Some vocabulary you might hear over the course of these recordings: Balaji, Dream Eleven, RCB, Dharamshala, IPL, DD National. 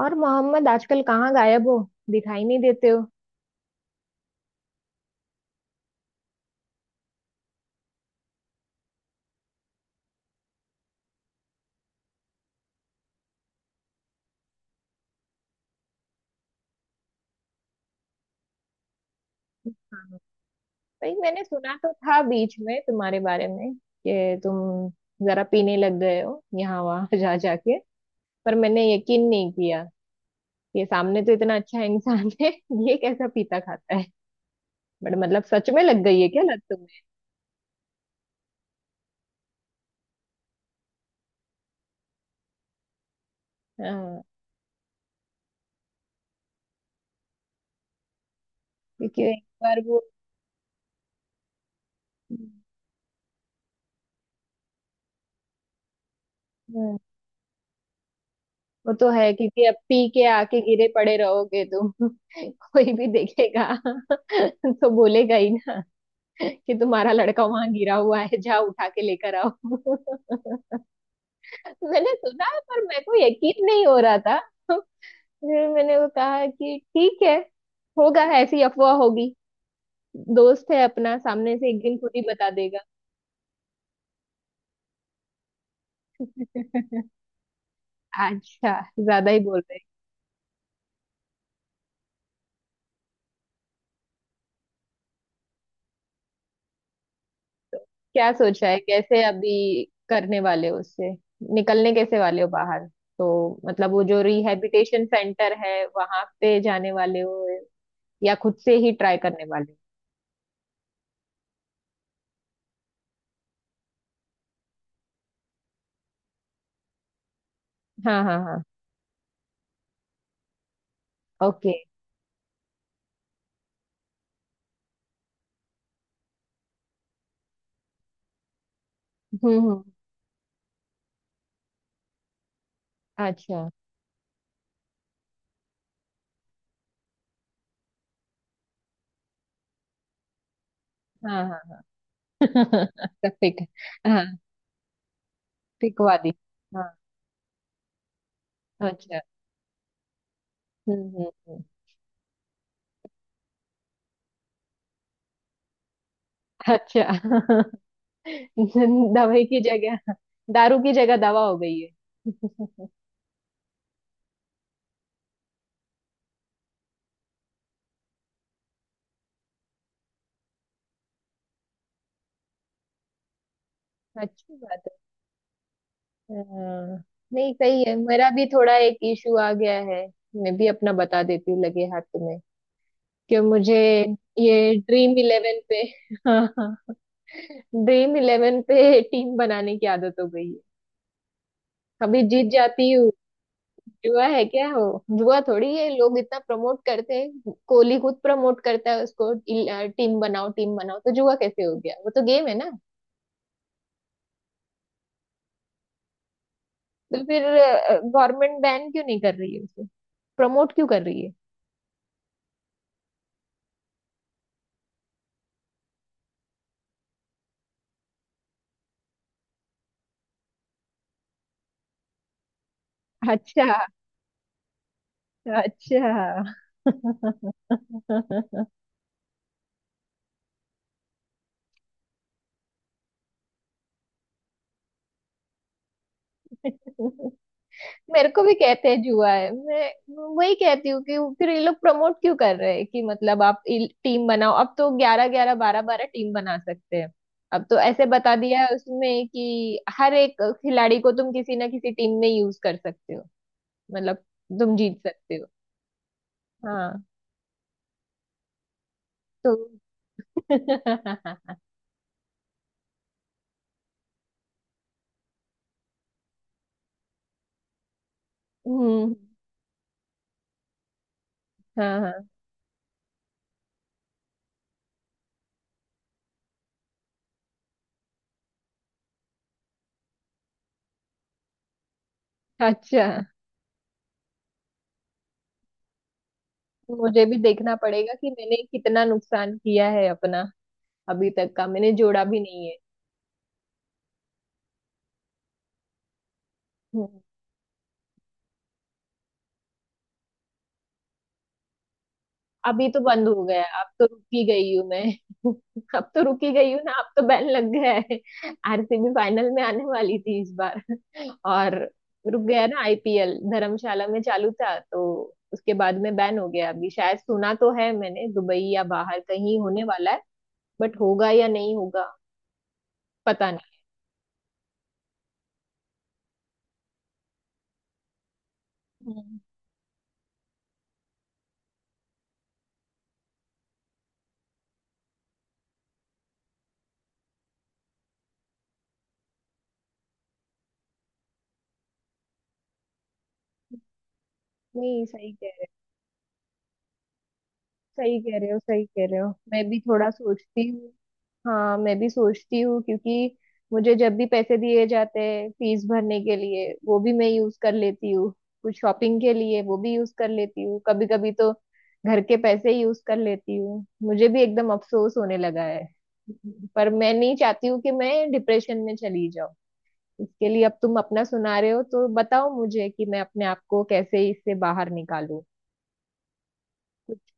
और मोहम्मद आजकल कहाँ गायब हो? दिखाई नहीं देते हो। हाँ। भाई मैंने सुना तो था बीच में तुम्हारे बारे में कि तुम जरा पीने लग गए हो यहाँ वहाँ जा जाके, पर मैंने यकीन नहीं किया। ये सामने तो इतना अच्छा इंसान है, ये कैसा पीता खाता है। बट मतलब सच में लग गई है क्या लत तुम्हें? हाँ, क्योंकि एक बार वो। हम्म, वो तो है क्योंकि अब पी के आके गिरे पड़े रहोगे तुम कोई भी देखेगा तो बोलेगा ही ना कि तुम्हारा लड़का वहां गिरा हुआ है, जाओ उठा के लेकर आओ। मैंने सुना है पर मेरे को यकीन नहीं हो रहा था। फिर मैंने वो कहा कि ठीक है, होगा ऐसी अफवाह होगी। दोस्त है अपना, सामने से एक दिन खुद ही बता देगा। अच्छा, ज्यादा ही बोल रहे हैं। तो क्या सोचा है कैसे अभी करने वाले हो उससे? निकलने कैसे वाले हो बाहर? तो मतलब वो जो रिहैबिलिटेशन सेंटर है वहां पे जाने वाले हो या खुद से ही ट्राई करने वाले? हाँ हाँ हाँ। ओके। हम्म। अच्छा। हाँ हाँ। पिक। हाँ। पिक वाली। हाँ। अच्छा। हम्म हम्म हम्म, अच्छा। दवाई की जगह। दारू की जगह दवा हो गई है। अच्छी बात है। हाँ, नहीं सही है। मेरा भी थोड़ा एक इशू आ गया है। मैं भी अपना बता देती हूँ लगे हाथ तुम्हें, कि मुझे ये ड्रीम इलेवन पे। हाँ, ड्रीम इलेवन पे टीम बनाने की आदत हो गई है। अभी जीत जाती हूँ। जुआ है क्या हो? जुआ थोड़ी है, लोग इतना प्रमोट करते हैं, कोहली खुद प्रमोट करता है उसको। टीम बनाओ टीम बनाओ, तो जुआ कैसे हो गया? वो तो गेम है ना। तो फिर गवर्नमेंट बैन क्यों नहीं कर रही है उसे? प्रमोट क्यों कर रही है? अच्छा। अच्छा। मेरे को भी कहते हैं जुआ है, मैं वही कहती हूँ कि फिर ये लोग प्रमोट क्यों कर रहे हैं, कि मतलब आप टीम बनाओ, अब तो ग्यारह ग्यारह बारह बारह टीम बना सकते हैं। अब तो ऐसे बता दिया है उसमें कि हर एक खिलाड़ी को तुम किसी ना किसी टीम में यूज कर सकते हो। मतलब तुम जीत सकते हो। हाँ। तो हम्म। हाँ हाँ। अच्छा, मुझे भी देखना पड़ेगा कि मैंने कितना नुकसान किया है अपना। अभी तक का मैंने जोड़ा भी नहीं है। हम्म। अभी तो बंद हो गया है, अब तो रुकी गई हूँ मैं। अब तो रुकी गई हूँ ना, अब तो बैन लग गया है। आरसीबी फाइनल में आने वाली थी इस बार और रुक गया ना। आईपीएल धर्मशाला में चालू था, तो उसके बाद में बैन हो गया। अभी शायद सुना तो है मैंने, दुबई या बाहर कहीं होने वाला है, बट होगा या नहीं होगा पता नहीं। हम्म। नहीं सही कह रहे हो, सही कह रहे हो, सही कह रहे हो। मैं भी थोड़ा सोचती हूँ। हाँ मैं भी सोचती हूँ, क्योंकि मुझे जब भी पैसे दिए जाते हैं फीस भरने के लिए, वो भी मैं यूज कर लेती हूँ। कुछ शॉपिंग के लिए वो भी यूज कर लेती हूँ कभी कभी, तो घर के पैसे यूज कर लेती हूँ। मुझे भी एकदम अफसोस होने लगा है। पर मैं नहीं चाहती हूँ कि मैं डिप्रेशन में चली जाऊँ। इसके लिए अब तुम अपना सुना रहे हो, तो बताओ मुझे कि मैं अपने आप को कैसे इससे बाहर निकालूं। कुछ।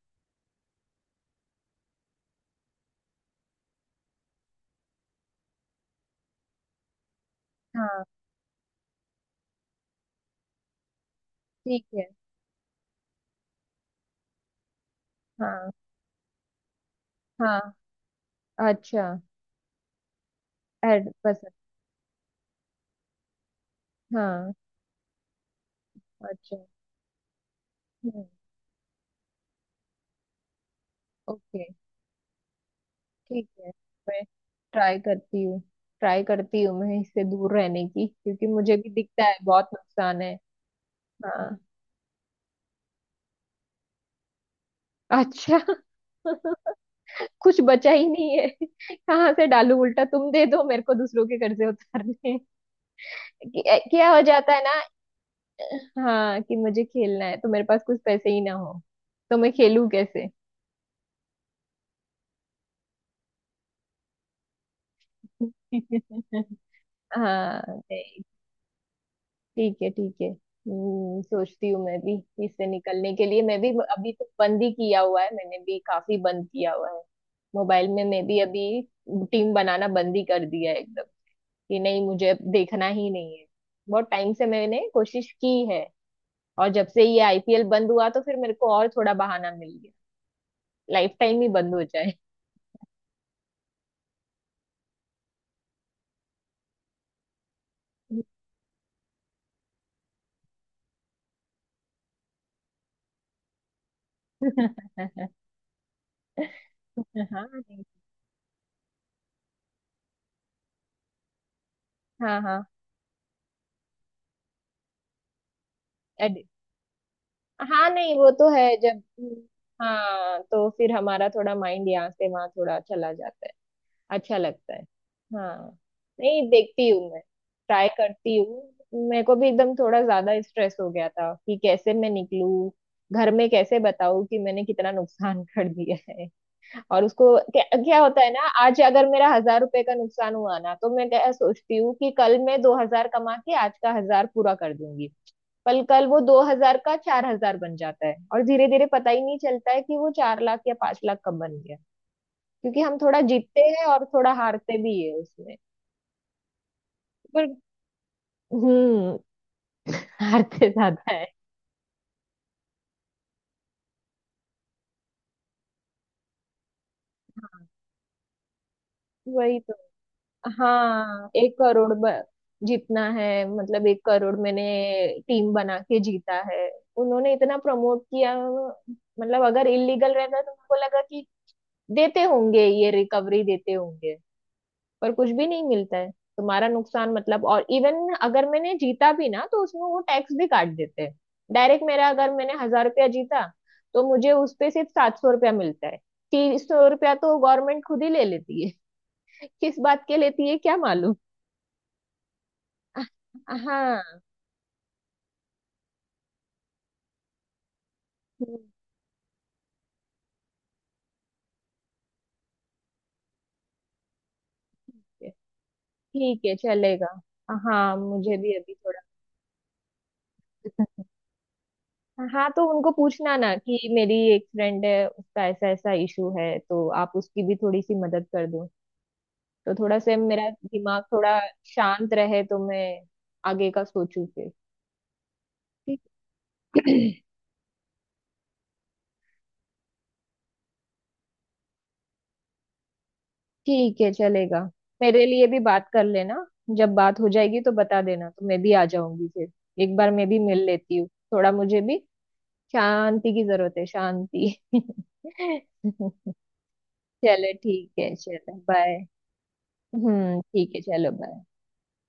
हाँ। ठीक है। हाँ हाँ। अच्छा। एड पसंद। हाँ। अच्छा। हम्म। ओके। ठीक है। मैं ट्राई करती हूँ। ट्राई करती हूँ मैं इससे दूर रहने की, क्योंकि मुझे भी दिखता है बहुत नुकसान है। हाँ। अच्छा। कुछ बचा ही नहीं है। कहाँ से डालू? उल्टा तुम दे दो मेरे को दूसरों के कर्जे उतारने। क्या हो जाता है ना। हाँ, कि मुझे खेलना है तो मेरे पास कुछ पैसे ही ना हो, तो मैं खेलूं कैसे? हाँ। ठीक है ठीक है। सोचती हूँ मैं भी इससे निकलने के लिए। मैं भी अभी तो बंद ही किया हुआ है, मैंने भी काफी बंद किया हुआ है। मोबाइल में मैं भी अभी टीम बनाना बंद ही कर दिया है एकदम, कि नहीं मुझे अब देखना ही नहीं है। बहुत टाइम से मैंने कोशिश की है, और जब से ये आईपीएल बंद हुआ तो फिर मेरे को और थोड़ा बहाना मिल गया। लाइफ टाइम ही बंद हो जाए। हाँ। हाँ हाँ। हाँ नहीं, वो तो है, जब हाँ तो फिर हमारा थोड़ा माइंड यहाँ से वहाँ थोड़ा चला जाता है। अच्छा लगता है। हाँ। नहीं, देखती हूँ मैं। ट्राई करती हूँ। मेरे को भी एकदम थोड़ा ज्यादा स्ट्रेस हो गया था कि कैसे मैं निकलूँ, घर में कैसे बताऊँ कि मैंने कितना नुकसान कर दिया है। और उसको क्या होता है ना, आज अगर मेरा 1,000 रुपए का नुकसान हुआ ना, तो मैं क्या सोचती हूँ कि कल मैं 2,000 कमा के आज का 1,000 पूरा कर दूंगी। पर कल वो 2,000 का 4,000 बन जाता है, और धीरे धीरे पता ही नहीं चलता है कि वो 4 लाख या 5 लाख कब बन गया। क्योंकि हम थोड़ा जीतते हैं और थोड़ा हारते भी है उसमें। पर हम्म, हारते ज्यादा है। हाँ, वही तो। हाँ, 1 करोड़ जीतना है। मतलब 1 करोड़ मैंने टीम बना के जीता है। उन्होंने इतना प्रमोट किया, मतलब अगर इलीगल रहता तो उनको लगा कि देते होंगे, ये रिकवरी देते होंगे, पर कुछ भी नहीं मिलता है। तुम्हारा नुकसान मतलब, और इवन अगर मैंने जीता भी ना, तो उसमें वो टैक्स भी काट देते हैं डायरेक्ट। मेरा अगर मैंने 1,000 रुपया जीता, तो मुझे उस पे सिर्फ 700 रुपया मिलता है। 300 रुपया तो गवर्नमेंट खुद ही ले लेती है। किस बात के लेती है क्या मालूम। हाँ। ठीक है। ठीक है चलेगा। हाँ मुझे भी अभी थोड़ा। हाँ, तो उनको पूछना ना कि मेरी एक फ्रेंड है, उसका ऐसा ऐसा इशू है, तो आप उसकी भी थोड़ी सी मदद कर दो। तो थोड़ा से मेरा दिमाग थोड़ा शांत रहे, तो मैं आगे का सोचूं फिर। ठीक। ठीक है चलेगा। मेरे लिए भी बात कर लेना। जब बात हो जाएगी तो बता देना, तो मैं भी आ जाऊंगी फिर। एक बार मैं भी मिल लेती हूँ, थोड़ा मुझे भी शांति की जरूरत है, शांति। चलो ठीक है, चलो बाय। ठीक है, चलो बाय।